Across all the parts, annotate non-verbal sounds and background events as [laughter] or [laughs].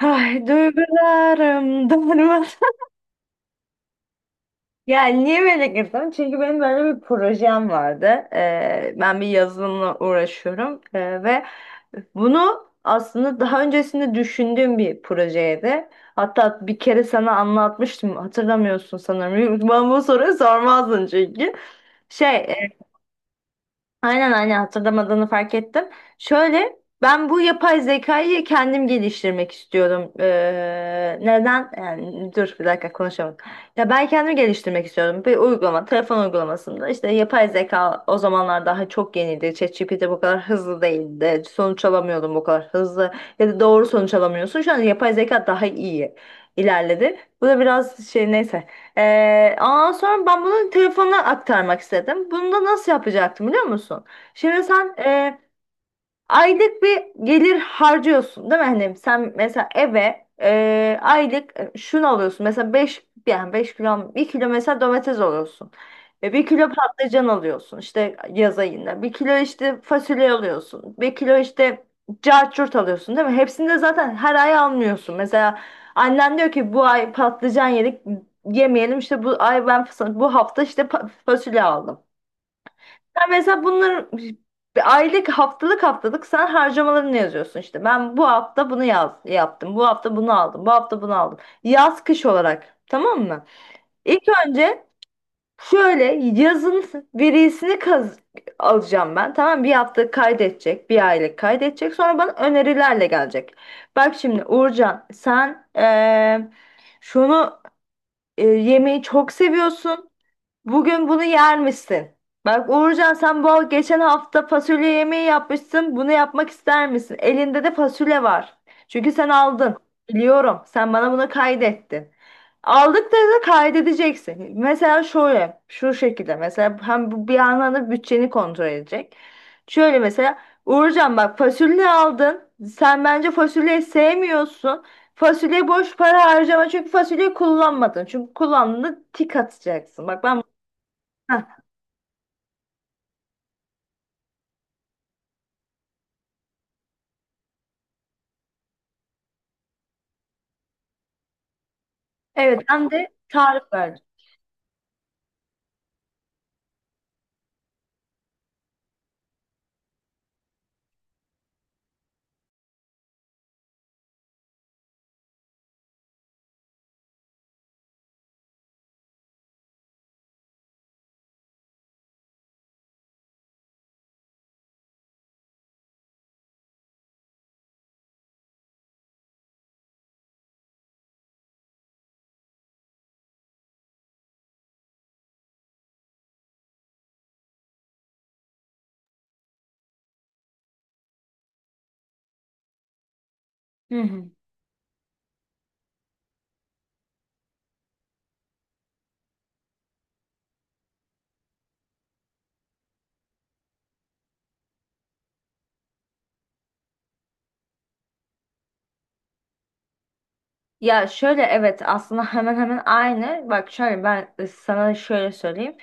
Ay duygularım darmadan. Yani niye böyle girdim? Çünkü benim böyle bir projem vardı. Ben bir yazılımla uğraşıyorum ve bunu aslında daha öncesinde düşündüğüm bir projeydi. Hatta bir kere sana anlatmıştım. Hatırlamıyorsun sanırım. Ben bu soruyu sormazdın çünkü. Şey, Aynen aynen hatırlamadığını fark ettim. Şöyle ben bu yapay zekayı kendim geliştirmek istiyorum. Neden? Yani, dur bir dakika konuşamadım. Ya ben kendim geliştirmek istiyorum. Bir uygulama, telefon uygulamasında işte yapay zeka o zamanlar daha çok yeniydi. ChatGPT bu kadar hızlı değildi. Sonuç alamıyordum bu kadar hızlı. Ya da doğru sonuç alamıyorsun. Şu an yapay zeka daha iyi ilerledi. Bu da biraz şey neyse. Ondan sonra ben bunu telefonuna aktarmak istedim. Bunu da nasıl yapacaktım biliyor musun? Şimdi sen aylık bir gelir harcıyorsun değil mi? Hani sen mesela eve aylık şunu alıyorsun. Mesela 5 yani 5 kilo bir kilo mesela domates alıyorsun. 1 kilo patlıcan alıyorsun işte yaz ayında. Bir kilo işte fasulye alıyorsun. Bir kilo işte cacurt alıyorsun değil mi? Hepsini de zaten her ay almıyorsun. Mesela annen diyor ki bu ay patlıcan yedik yemeyelim işte bu ay ben bu hafta işte fasulye aldım. Sen mesela bunları bir aylık haftalık haftalık sen harcamalarını yazıyorsun işte. Ben bu hafta bunu yaptım. Bu hafta bunu aldım. Bu hafta bunu aldım. Yaz kış olarak. Tamam mı? İlk önce şöyle yazın verisini alacağım ben. Tamam, bir hafta kaydedecek. Bir aylık kaydedecek. Sonra bana önerilerle gelecek. Bak şimdi Uğurcan sen şunu yemeği çok seviyorsun. Bugün bunu yer misin? Bak Uğurcan sen bu geçen hafta fasulye yemeği yapmışsın. Bunu yapmak ister misin? Elinde de fasulye var. Çünkü sen aldın. Biliyorum. Sen bana bunu kaydettin. Aldık da kaydedeceksin. Mesela şöyle, şu şekilde. Mesela hem bu bir yandan da bütçeni kontrol edecek. Şöyle mesela Uğurcan bak fasulye aldın. Sen bence fasulyeyi sevmiyorsun. Fasulye boş para harcama, çünkü fasulyeyi kullanmadın. Çünkü kullandığında tik atacaksın. Bak ben. Evet, ben de tarif verdim. Hı hı. Ya şöyle, evet, aslında hemen hemen aynı. Bak şöyle ben sana şöyle söyleyeyim.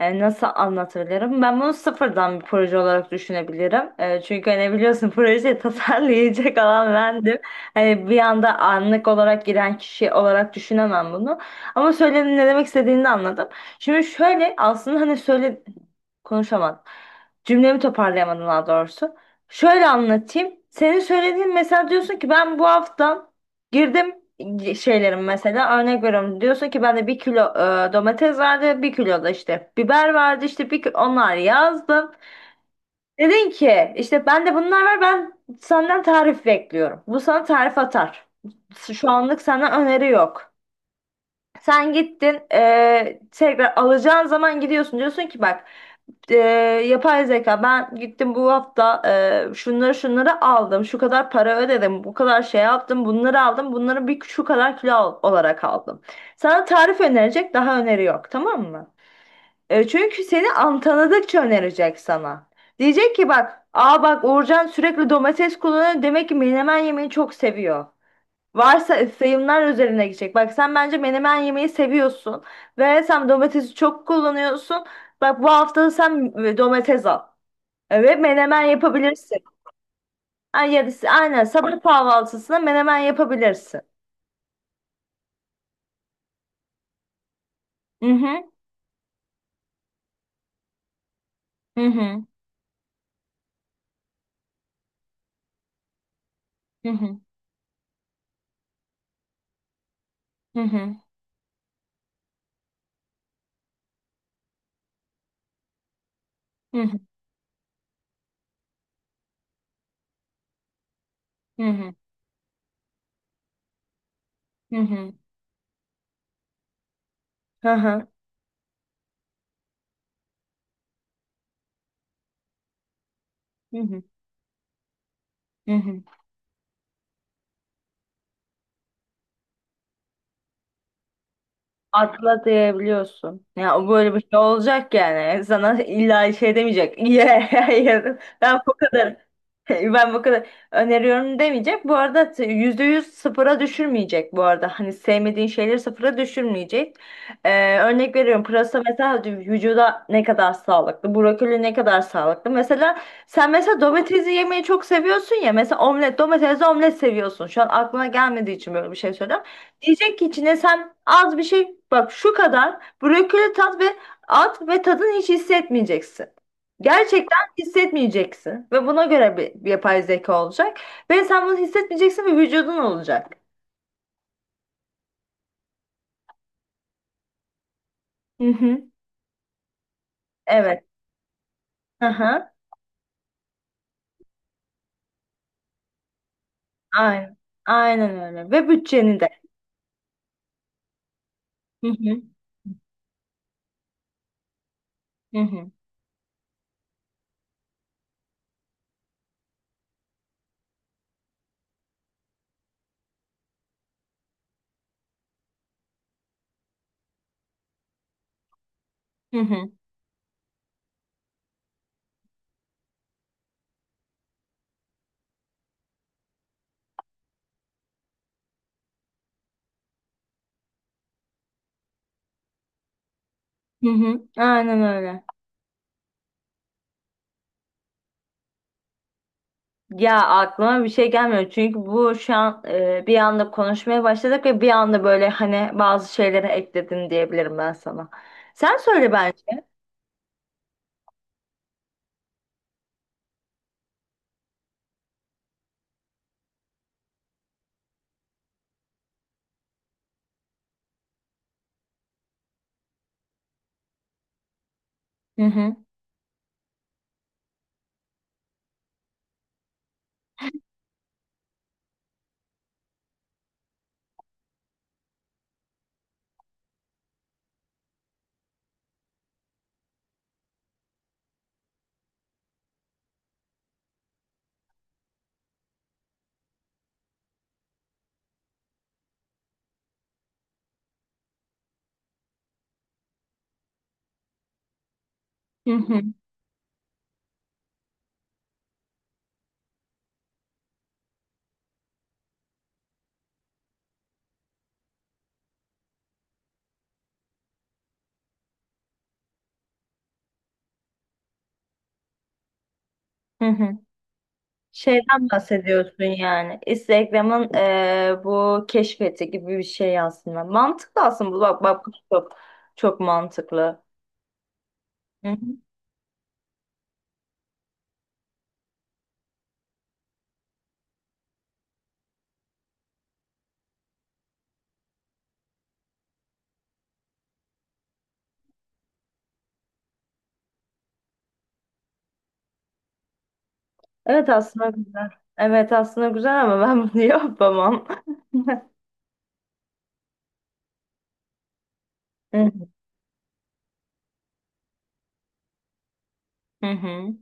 Nasıl anlatabilirim? Ben bunu sıfırdan bir proje olarak düşünebilirim. Çünkü hani biliyorsun [laughs] projeyi tasarlayacak olan bendim. Hani bir anda, anlık olarak giren kişi olarak düşünemem bunu. Ama söyledim, ne demek istediğini de anladım. Şimdi şöyle, aslında hani söyle konuşamadım. Cümlemi toparlayamadım daha doğrusu. Şöyle anlatayım. Senin söylediğin, mesela diyorsun ki ben bu hafta girdim şeylerim, mesela örnek veriyorum, diyorsa ki bende bir kilo domates vardı, bir kilo da işte biber vardı işte onlar yazdım. Dedin ki işte bende bunlar var, ben senden tarif bekliyorum. Bu sana tarif atar. Şu anlık senden öneri yok. Sen gittin, tekrar alacağın zaman gidiyorsun, diyorsun ki bak, eee, yapay zeka, ben gittim bu hafta, şunları şunları aldım, şu kadar para ödedim, bu kadar şey yaptım, bunları aldım, bunları bir şu kadar kilo olarak aldım. Sana tarif önerecek, daha öneri yok, tamam mı? Çünkü seni an tanıdıkça önerecek sana. Diyecek ki bak, aa, bak Uğurcan sürekli domates kullanıyor, demek ki menemen yemeyi çok seviyor. Varsa sayımlar üzerine gidecek. Bak sen bence menemen yemeyi seviyorsun ve sen domatesi çok kullanıyorsun. Bak bu hafta da sen domates al. Evet, menemen yapabilirsin. Ay, ya da aynen sabah kahvaltısına menemen yapabilirsin. Hı hı hı hı hı hı hı hı hı hı hı hı. Hı hı. Hı hı hı hı. Hı. Atla diyebiliyorsun. Ya böyle bir şey olacak yani. Sana illa şey demeyecek. [laughs] Ye, ye. Ben bu kadar. [laughs] Ben bu kadar öneriyorum demeyecek. Bu arada %100 sıfıra düşürmeyecek bu arada. Hani sevmediğin şeyleri sıfıra düşürmeyecek. Örnek veriyorum. Pırasa mesela vücuda ne kadar sağlıklı. Brokoli ne kadar sağlıklı. Mesela sen mesela domatesi yemeyi çok seviyorsun ya. Mesela omlet, domatesli omlet seviyorsun. Şu an aklına gelmediği için böyle bir şey söylüyorum. Diyecek ki içine sen az bir şey, bak şu kadar brokoli tat ve at, ve tadını hiç hissetmeyeceksin hissetmeyeceksin, ve buna göre bir yapay zeka olacak ve sen bunu hissetmeyeceksin ve vücudun olacak. Hı hı. Evet. Hı hı. Aynen. Aynen öyle. Ve bütçeni de. Hı hı. Hı hı. Hı hı. Hı hı. Aynen öyle. Ya aklıma bir şey gelmiyor, çünkü bu şu an bir anda konuşmaya başladık ve bir anda böyle hani bazı şeyleri ekledim diyebilirim ben sana. Sen söyle bence. Hı hı. Hı hı. Hı hı. Şeyden bahsediyorsun yani. Instagram'ın bu keşfeti gibi bir şey aslında. Mantıklı aslında bu. Bak bak, bu çok çok mantıklı. Hı hı. Evet, aslında güzel. Evet aslında güzel, ama ben bunu [laughs] yapamam. [laughs] Hı hı. Hı hı.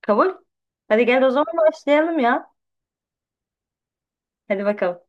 Kabul. Hadi gel o zaman, başlayalım ya. Hadi bakalım.